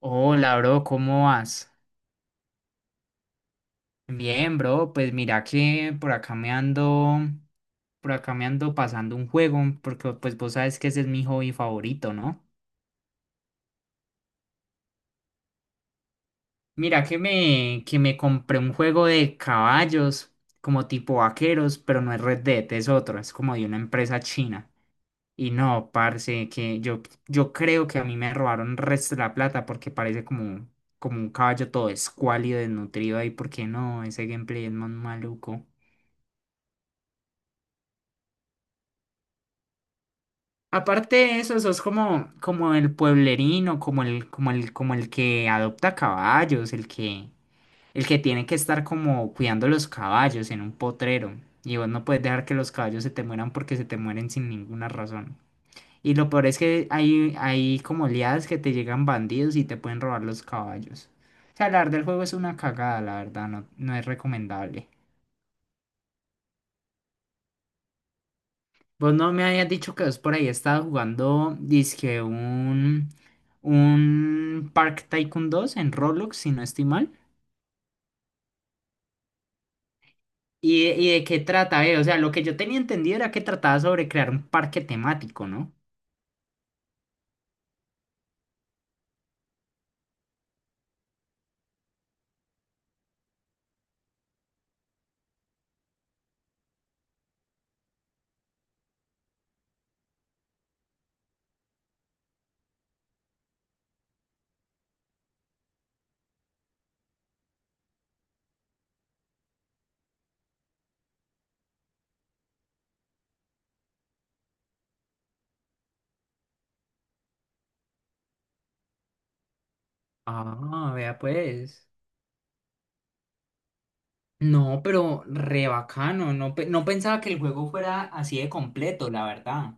Hola, bro, ¿cómo vas? Bien, bro, pues mira que por acá me ando, por acá me ando pasando un juego, porque pues vos sabes que ese es mi hobby favorito, ¿no? Mira que me compré un juego de caballos, como tipo vaqueros, pero no es Red Dead, es otro, es como de una empresa china. Y no, parce, que yo creo que a mí me robaron resto de la plata porque parece como, como un caballo todo escuálido, desnutrido ahí, porque no, ese gameplay es más maluco. Aparte de eso, sos como, como el pueblerino, como el que adopta caballos, el que tiene que estar como cuidando los caballos en un potrero. Y vos no puedes dejar que los caballos se te mueran porque se te mueren sin ninguna razón. Y lo peor es que hay como liadas que te llegan bandidos y te pueden robar los caballos. O sea, la verdad, el juego es una cagada, la verdad, no, no es recomendable. Vos no me habías dicho que vos por ahí estabas jugando, dizque un Park Tycoon dos en Roblox, si no estoy mal. ¿Y, de qué trata, eh? O sea, lo que yo tenía entendido era que trataba sobre crear un parque temático, ¿no? Ah, vea pues. No, pero re bacano. No, no pensaba que el juego fuera así de completo, la verdad.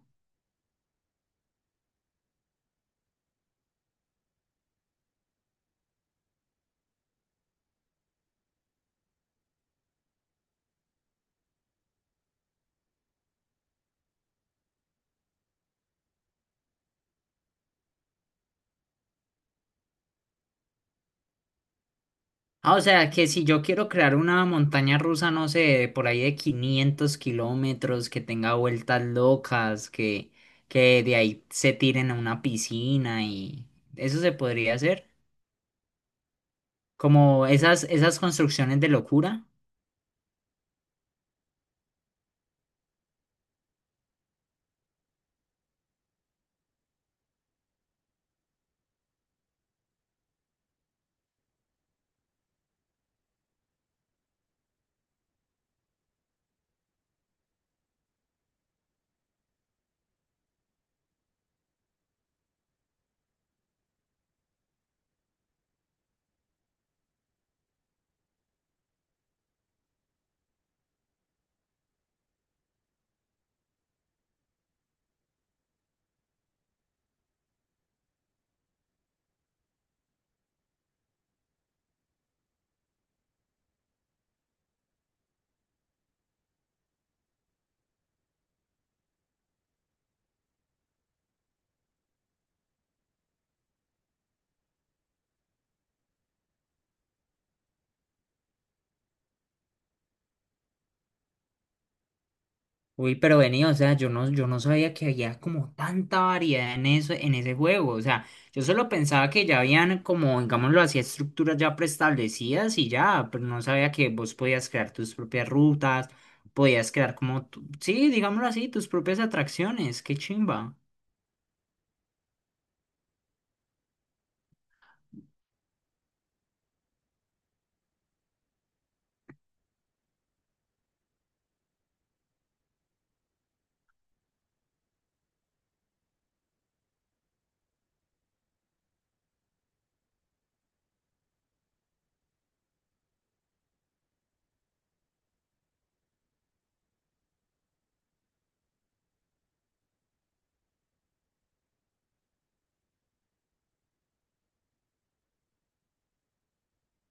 Ah, o sea, que si yo quiero crear una montaña rusa, no sé, por ahí de 500 kilómetros, que tenga vueltas locas, que de ahí se tiren a una piscina y eso se podría hacer. Como esas, esas construcciones de locura. Uy, pero venía, o sea, yo no sabía que había como tanta variedad en eso, en ese juego. O sea, yo solo pensaba que ya habían como, digámoslo así, estructuras ya preestablecidas y ya, pero no sabía que vos podías crear tus propias rutas, podías crear como, sí, digámoslo así, tus propias atracciones. Qué chimba.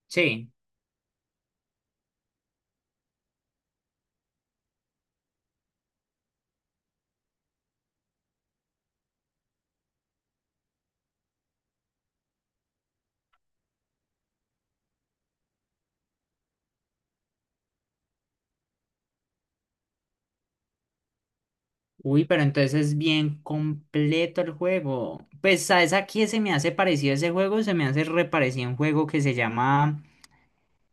Sí. Uy, pero entonces es bien completo el juego. Pues, ¿sabes a qué se me hace parecido ese juego? Se me hace reparecido un juego que se llama.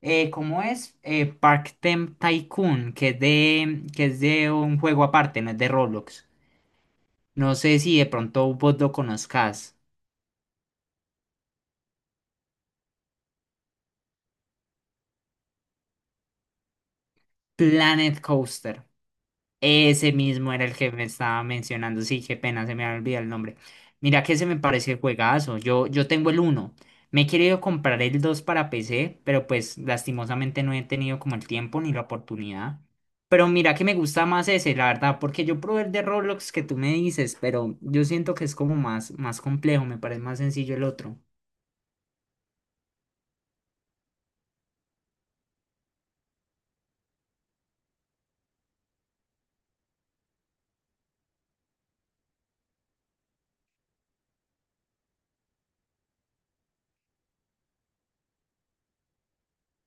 ¿Cómo es? Park Tem Tycoon, que es de un juego aparte, no es de Roblox. No sé si de pronto vos lo conozcas. Planet Coaster. Ese mismo era el que me estaba mencionando. Sí, qué pena, se me había olvidado el nombre. Mira que se me parece juegazo. Yo tengo el uno. Me he querido comprar el 2 para PC, pero pues lastimosamente no he tenido como el tiempo ni la oportunidad. Pero mira que me gusta más ese, la verdad, porque yo probé el de Roblox que tú me dices, pero yo siento que es como más, más complejo, me parece más sencillo el otro.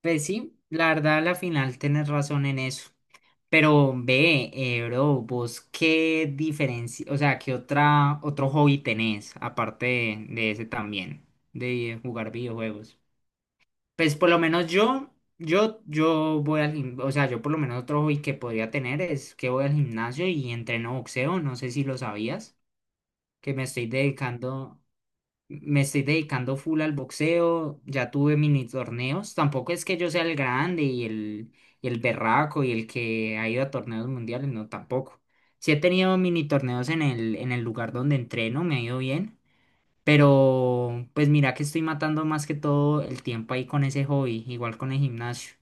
Pues sí, la verdad, a la final tienes razón en eso. Pero ve, bro, vos qué diferencia, o sea, qué otra, otro hobby tenés, aparte de ese también, de jugar videojuegos. Pues por lo menos yo voy al gimnasio, o sea, yo por lo menos otro hobby que podría tener es que voy al gimnasio y entreno boxeo, no sé si lo sabías, que me estoy dedicando full al boxeo, ya tuve mini torneos, tampoco es que yo sea el grande y el berraco y el que ha ido a torneos mundiales, no, tampoco. Sí he tenido mini torneos en el lugar donde entreno, me ha ido bien, pero pues mira que estoy matando más que todo el tiempo ahí con ese hobby, igual con el gimnasio.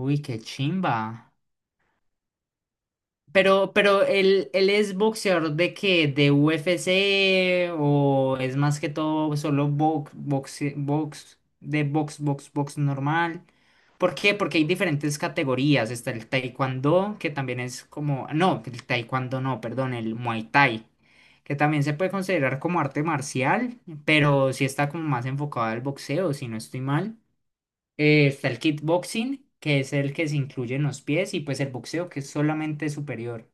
Uy, qué chimba. Pero él es boxeador de qué, de UFC o es más que todo solo box, box, box, de box, box, box normal. ¿Por qué? Porque hay diferentes categorías. Está el taekwondo, que también es como, no, el taekwondo no, perdón, el muay thai, que también se puede considerar como arte marcial, pero sí está como más enfocado al boxeo, si no estoy mal. Está el kickboxing, que es el que se incluye en los pies, y pues el boxeo, que es solamente superior.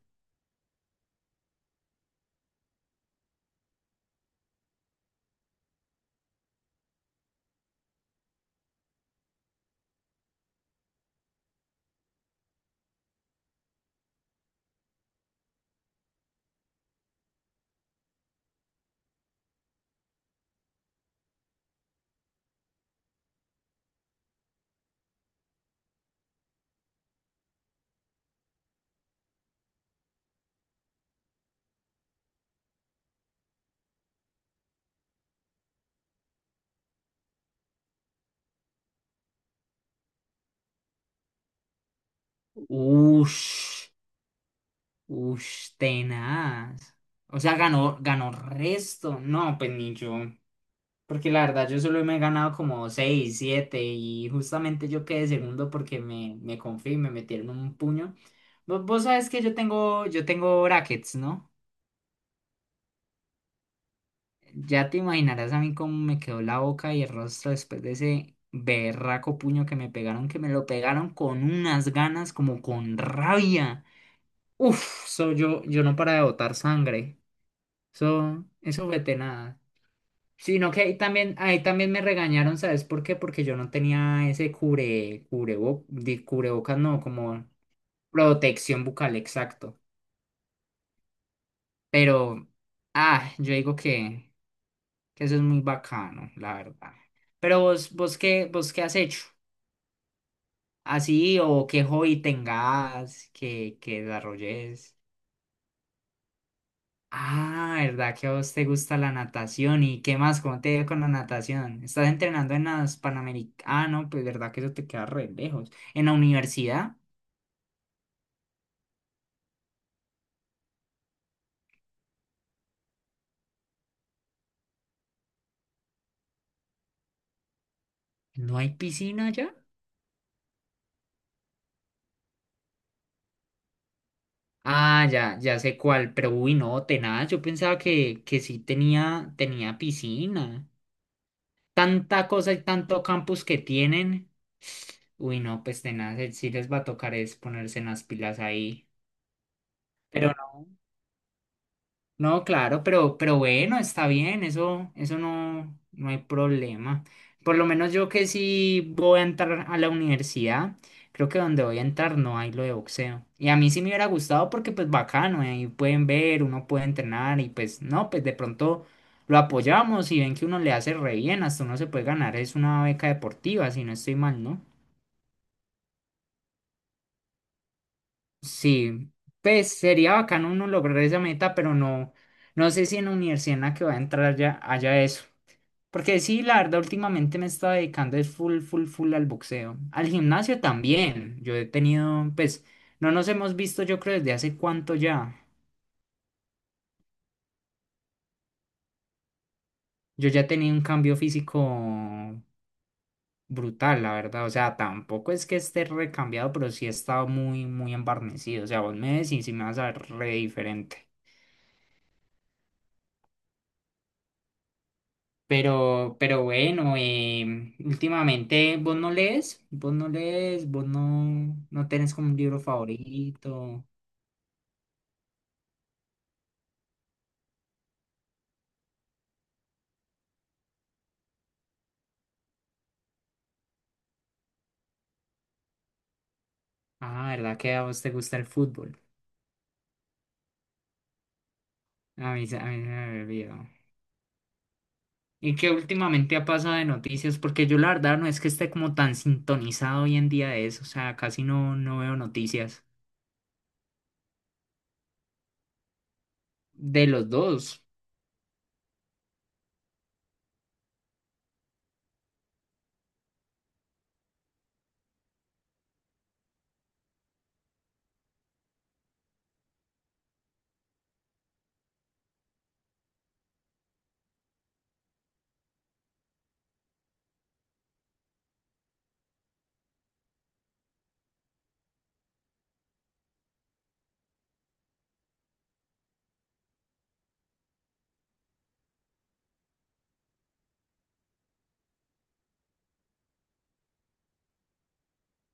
Ush, ush, tenaz. O sea, ganó, ganó resto. No, pues ni yo. Porque la verdad, yo solo me he ganado como 6 7 y justamente yo quedé segundo porque me confié y me metieron un puño. Vos, vos sabes que yo tengo brackets, ¿no? Ya te imaginarás a mí cómo me quedó la boca y el rostro después de ese berraco puño que me pegaron, que me lo pegaron con unas ganas, como con rabia. Uf, so yo no para de botar sangre. Eso vete nada. Sino que ahí también me regañaron, ¿sabes por qué? Porque yo no tenía ese cubrebocas, no, como protección bucal, exacto. Pero, ah, yo digo que eso es muy bacano, la verdad. Pero vos, vos qué, ¿vos qué has hecho? Así, o qué hobby tengas, que desarrolles. Ah, ¿verdad que a vos te gusta la natación? ¿Y qué más? ¿Cómo te ha ido con la natación? ¿Estás entrenando en las Panamericanas? Ah, no, pues verdad que eso te queda re lejos. ¿En la universidad? ¿No hay piscina ya? Ah, ya, ya sé cuál, pero uy, no, tenaz, yo pensaba que sí tenía, tenía piscina. Tanta cosa y tanto campus que tienen. Uy, no, pues tenaz, sí les va a tocar es ponerse en las pilas ahí. Pero no, claro, pero bueno, está bien, eso no, no hay problema. Por lo menos yo que sí voy a entrar a la universidad, creo que donde voy a entrar no hay lo de boxeo. Y a mí sí me hubiera gustado porque pues bacano, ahí pueden ver, uno puede entrenar y pues no, pues de pronto lo apoyamos y ven que uno le hace re bien, hasta uno se puede ganar, es una beca deportiva, si no estoy mal, ¿no? Sí, pues sería bacano uno lograr esa meta, pero no, no sé si en la universidad en la que va a entrar ya haya eso. Porque sí, la verdad, últimamente me estaba dedicando es full, full, full al boxeo. Al gimnasio también. Yo he tenido, pues, no nos hemos visto yo creo desde hace cuánto ya. Yo ya he tenido un cambio físico brutal, la verdad. O sea, tampoco es que esté recambiado, pero sí he estado muy, muy embarnecido. O sea, vos me decís y me vas a ver re diferente. Pero bueno, em, últimamente vos no lees, vos no, no tenés como un libro favorito. Ah, ¿verdad que a vos te gusta el fútbol? A mí, a mí se me olvidó. ¿Y qué últimamente ha pasado de noticias? Porque yo la verdad no es que esté como tan sintonizado hoy en día de eso, o sea, casi no, no veo noticias de los dos.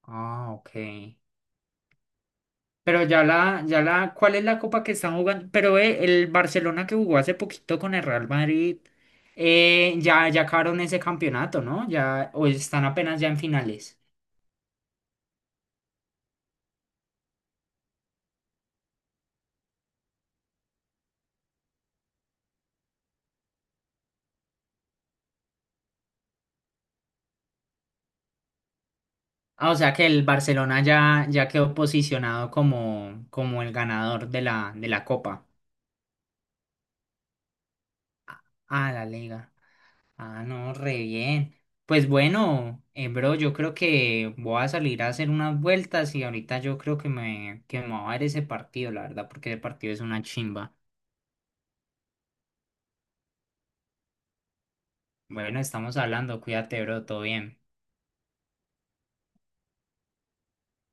Ah, ok. Pero ya la, ¿cuál es la copa que están jugando? Pero el Barcelona que jugó hace poquito con el Real Madrid, ya acabaron ese campeonato, ¿no? Ya, o están apenas ya en finales. Ah, o sea que el Barcelona ya quedó posicionado como, como el ganador de la Copa. Ah, la Liga. Ah, no, re bien. Pues bueno, bro, yo creo que voy a salir a hacer unas vueltas y ahorita yo creo que me va a ver ese partido, la verdad, porque ese partido es una chimba. Bueno, estamos hablando, cuídate, bro, todo bien.